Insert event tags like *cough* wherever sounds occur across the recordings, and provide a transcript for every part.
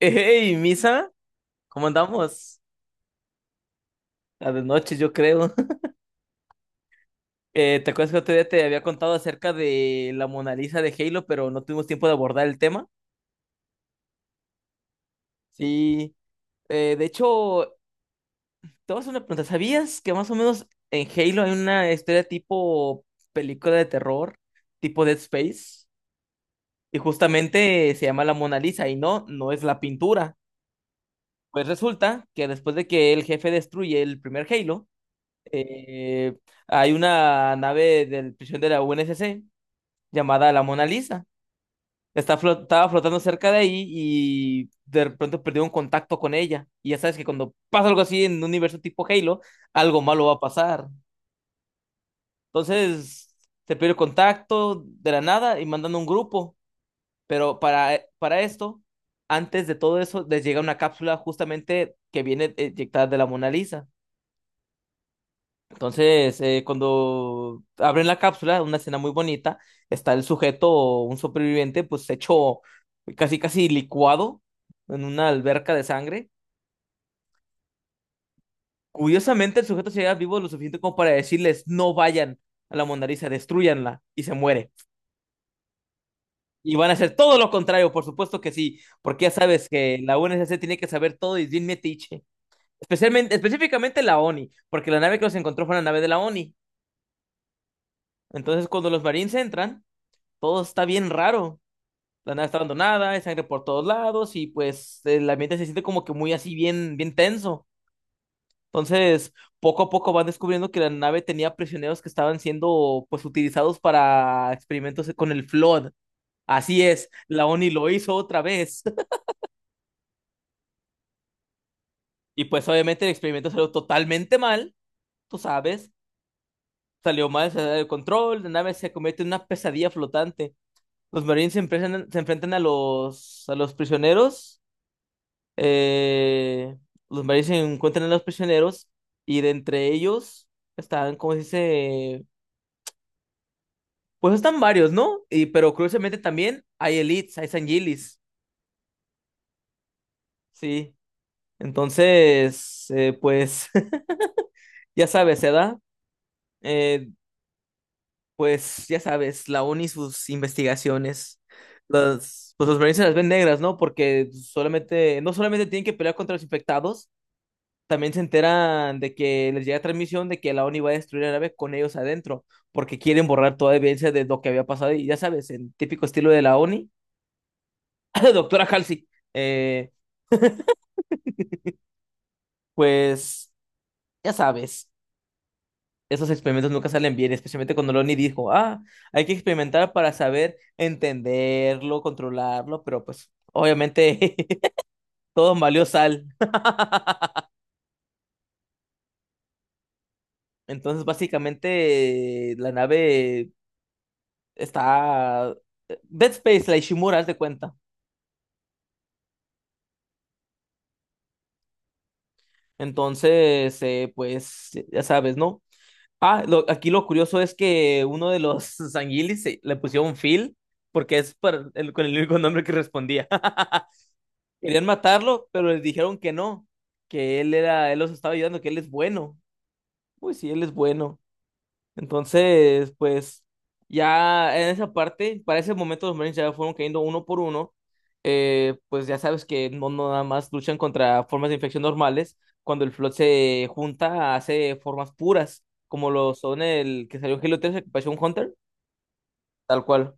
Hey, Misa, ¿cómo andamos? A de noche, yo creo. *laughs* ¿Te acuerdas que otro día te había contado acerca de la Mona Lisa de Halo, pero no tuvimos tiempo de abordar el tema? Sí, de hecho, te voy a hacer una pregunta. ¿Sabías que más o menos en Halo hay una historia tipo película de terror, tipo Dead Space? Y justamente se llama la Mona Lisa y no, no es la pintura. Pues resulta que después de que el jefe destruye el primer Halo, Eh, hay una nave del prisión de la UNSC llamada la Mona Lisa. Estaba flotando cerca de ahí y de pronto perdió un contacto con ella. Y ya sabes que cuando pasa algo así en un universo tipo Halo, algo malo va a pasar. Entonces, se pierde contacto de la nada y mandan un grupo. Pero para esto, antes de todo eso, les llega una cápsula justamente que viene eyectada de la Mona Lisa. Entonces, cuando abren la cápsula, una escena muy bonita, está el sujeto, un superviviente, pues hecho casi casi licuado en una alberca de sangre. Curiosamente, el sujeto llega vivo lo suficiente como para decirles, no vayan a la Mona Lisa, destruyanla, y se muere. Y van a hacer todo lo contrario, por supuesto que sí, porque ya sabes que la UNSC tiene que saber todo y es bien metiche. Especialmente, específicamente la ONI, porque la nave que los encontró fue una nave de la ONI. Entonces, cuando los marines entran, todo está bien raro. La nave está abandonada, hay sangre por todos lados y pues el ambiente se siente como que muy así bien, bien tenso. Entonces, poco a poco van descubriendo que la nave tenía prisioneros que estaban siendo pues utilizados para experimentos con el Flood. Así es, la ONI lo hizo otra vez. *laughs* Y pues obviamente el experimento salió totalmente mal, tú sabes, salió mal, se salió de control, la nave se convierte en una pesadilla flotante. Los marines se enfrentan a los prisioneros, eh, los maris se encuentran a los prisioneros y de entre ellos están, como se dice, pues están varios, ¿no? Y, pero curiosamente también hay elites, hay sanguilis, sí. Entonces, pues, *laughs* ya sabes, se da. Eh, pues, ya sabes, la ONI y sus investigaciones. Las, pues los marines se las ven negras, ¿no? Porque solamente, no solamente tienen que pelear contra los infectados, también se enteran de que les llega transmisión de que la ONI va a destruir la nave con ellos adentro, porque quieren borrar toda evidencia de lo que había pasado. Y ya sabes, en típico estilo de la ONI, *laughs* *clears throat* doctora Halsey, eh, pues ya sabes, esos experimentos nunca salen bien, especialmente cuando la ONI dijo, ah, hay que experimentar para saber entenderlo, controlarlo, pero pues obviamente *laughs* todo valió sal. Entonces, básicamente, la nave está... Dead Space, la Ishimura, haz de cuenta. Entonces, pues, ya sabes, ¿no? Ah, aquí lo curioso es que uno de los *laughs* sanguilis le pusieron Phil porque es para el, con el único nombre que respondía. *laughs* Querían matarlo, pero les dijeron que no, que él era, él los estaba ayudando, que él es bueno. Pues sí, él es bueno. Entonces, pues ya en esa parte, para ese momento los Marines ya fueron cayendo uno por uno. Pues ya sabes que no, no nada más luchan contra formas de infección normales. Cuando el Flood se junta, hace formas puras, como lo son el que salió en Halo 3, el que pareció un Hunter, tal cual.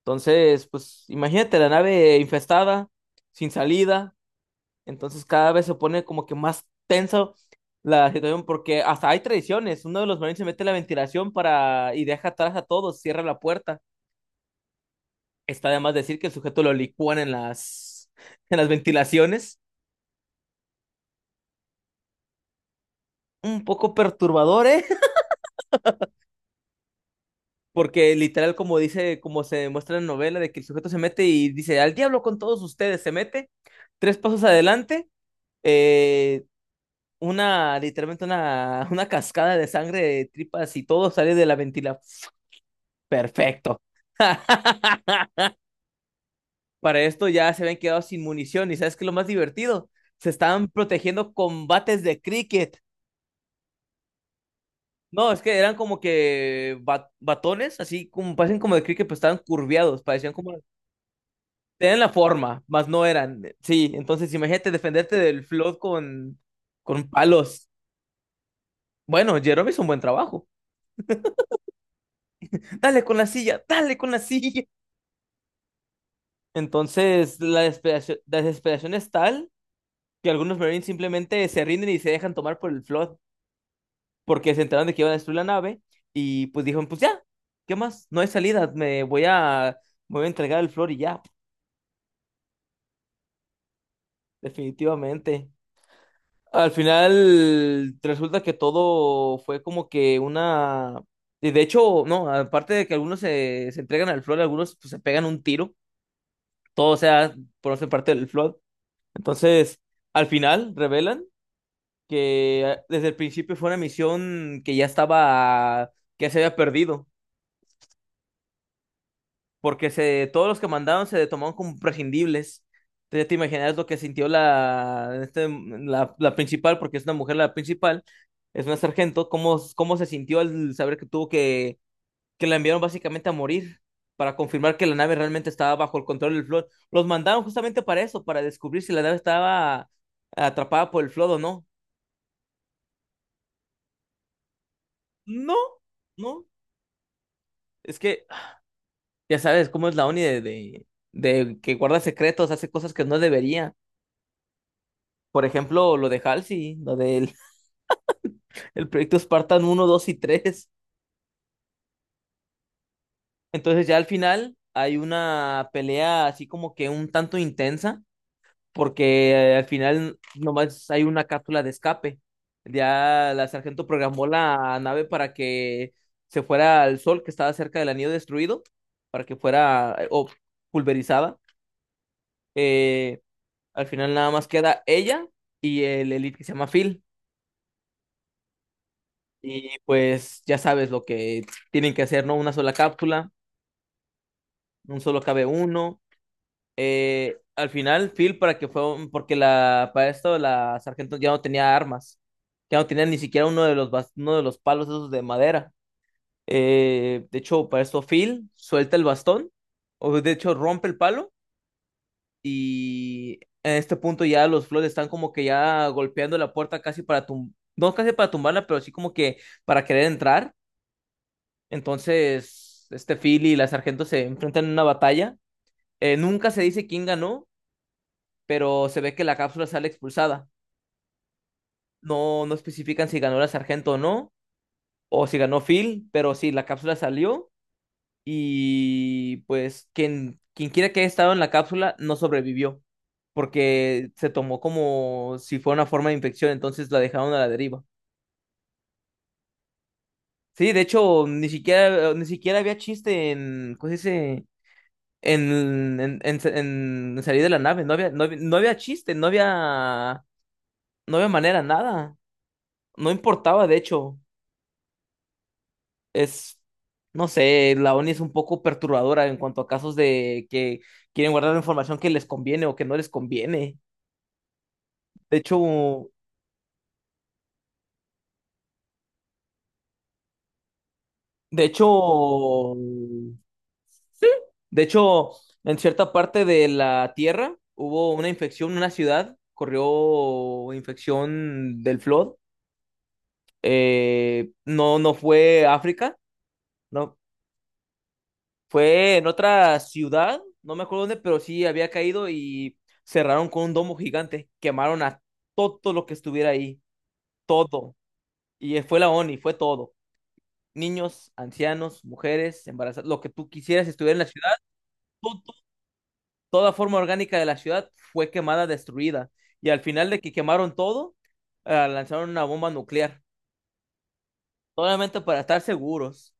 Entonces, pues imagínate la nave infestada, sin salida. Entonces cada vez se pone como que más tenso la situación porque hasta hay tradiciones. Uno de los marines se mete en la ventilación para y deja atrás a todos, cierra la puerta. Está además decir que el sujeto lo licúan en las *laughs* en las ventilaciones. Un poco perturbador, ¿eh? *laughs* Porque literal como dice, como se muestra en la novela, de que el sujeto se mete y dice, al diablo con todos ustedes, se mete tres pasos adelante, eh, una, literalmente una, *laughs* una cascada de sangre, de tripas y todo sale de la ventila. Perfecto. *laughs* Para esto ya se habían quedado sin munición y ¿sabes qué es lo más divertido? Se estaban protegiendo con bates de cricket. No, es que eran como que batones, así como parecen como de cricket, pero estaban curviados, parecían como... tenían la forma, mas no eran. Sí, entonces imagínate defenderte del flood con palos. Bueno, Jerome hizo un buen trabajo. Dale con la silla, dale con la silla. Entonces la desesperación es tal que algunos Marines simplemente se rinden y se dejan tomar por el Flood porque se enteraron de que iban a destruir la nave y pues dijeron, pues ya, ¿qué más? No hay salida, me voy a entregar el Flood y ya, definitivamente. Al final resulta que todo fue como que una... y de hecho, no, aparte de que algunos se, se entregan al Flood, algunos pues, se pegan un tiro, todo o sea, por no ser parte del Flood. Entonces, al final revelan que desde el principio fue una misión que ya estaba, que se había perdido, porque se, todos los que mandaron se tomaron como prescindibles. Entonces ya te imaginas lo que sintió la, este, la principal, porque es una mujer la principal, es una sargento, cómo, cómo se sintió al saber que tuvo que la enviaron básicamente a morir para confirmar que la nave realmente estaba bajo el control del Flood. Los mandaron justamente para eso, para descubrir si la nave estaba atrapada por el Flood o no. No, no. Es que ya sabes cómo es la ONI de que guarda secretos, hace cosas que no debería. Por ejemplo, lo de Halsey, lo del *laughs* el proyecto Spartan uno 2 y tres. Entonces ya al final hay una pelea así como que un tanto intensa, porque al final nomás hay una cápsula de escape. Ya la sargento programó la nave para que se fuera al sol que estaba cerca del anillo destruido, para que fuera o pulverizada. Eh, Al final nada más queda ella y el elite que se llama Phil. Y pues ya sabes lo que tienen que hacer, ¿no? Una sola cápsula, un solo cabe uno. Al final, Phil, para que fue, porque la, para esto la sargento ya no tenía armas, ya no tenía ni siquiera uno de los palos esos de madera. De hecho, para esto Phil suelta el bastón, o de hecho rompe el palo. Y en este punto ya los Floyd están como que ya golpeando la puerta casi para tum no casi para tumbarla, pero sí como que para querer entrar. Entonces, este Phil y la sargento se enfrentan en una batalla. Nunca se dice quién ganó, pero se ve que la cápsula sale expulsada. No, no especifican si ganó la sargento o no, o si ganó Phil, pero sí, la cápsula salió y pues quien, quien quiera que haya estado en la cápsula no sobrevivió porque se tomó como si fuera una forma de infección, entonces la dejaron a la deriva. Sí, de hecho, ni siquiera, ni siquiera había chiste en, ¿cómo se dice? En, en, en, en salir de la nave, no había, no había, no había chiste, no había, no había manera, nada, no importaba, de hecho, es, no sé, la ONI es un poco perturbadora en cuanto a casos de que quieren guardar información que les conviene o que no les conviene. De hecho, de hecho, sí. De hecho, en cierta parte de la Tierra hubo una infección, una ciudad corrió infección del flood. No, no fue África, no, fue en otra ciudad, no me acuerdo dónde, pero sí había caído y cerraron con un domo gigante, quemaron a todo lo que estuviera ahí, todo. Y fue la ONI, fue todo. Niños, ancianos, mujeres, embarazadas, lo que tú quisieras estuviera en la ciudad toda forma orgánica de la ciudad fue quemada, destruida. Y al final de que quemaron todo, lanzaron una bomba nuclear, solamente para estar seguros.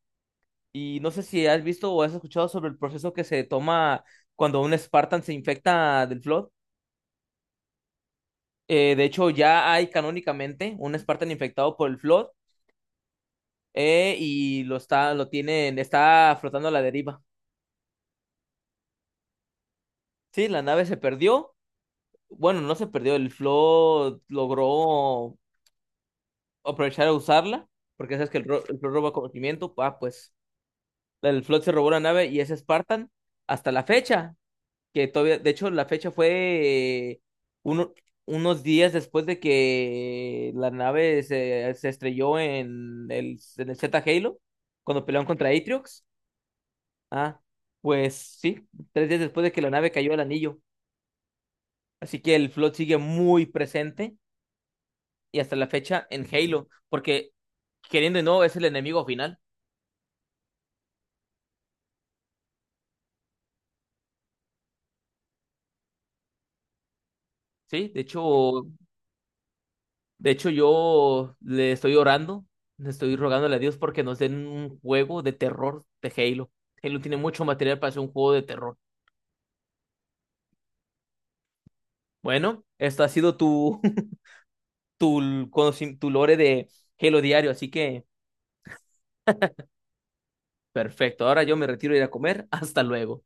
Y no sé si has visto o has escuchado sobre el proceso que se toma cuando un Spartan se infecta del Flood. De hecho, ya hay canónicamente un Spartan infectado por el Flood, y lo está, lo tienen, está flotando a la deriva. Sí, la nave se perdió. Bueno, no se perdió, el Flood logró aprovechar a usarla, porque sabes que el Flood roba conocimiento, ah, pues el Flood se robó la nave y es Spartan hasta la fecha, que todavía, de hecho la fecha fue eh, uno- unos días después de que la nave se, se estrelló en el Z Halo, cuando pelearon contra Atriox, ah, pues sí, 3 días después de que la nave cayó al anillo, así que el Flood sigue muy presente y hasta la fecha en Halo, porque queriendo o no es el enemigo final. Sí, de hecho yo le estoy orando, le estoy rogándole a Dios porque nos den un juego de terror de Halo. Halo tiene mucho material para hacer un juego de terror. Bueno, esto ha sido tu, *laughs* tu, tu lore de Halo diario, así que perfecto. Ahora yo me retiro a ir a comer. *laughs* Hasta luego.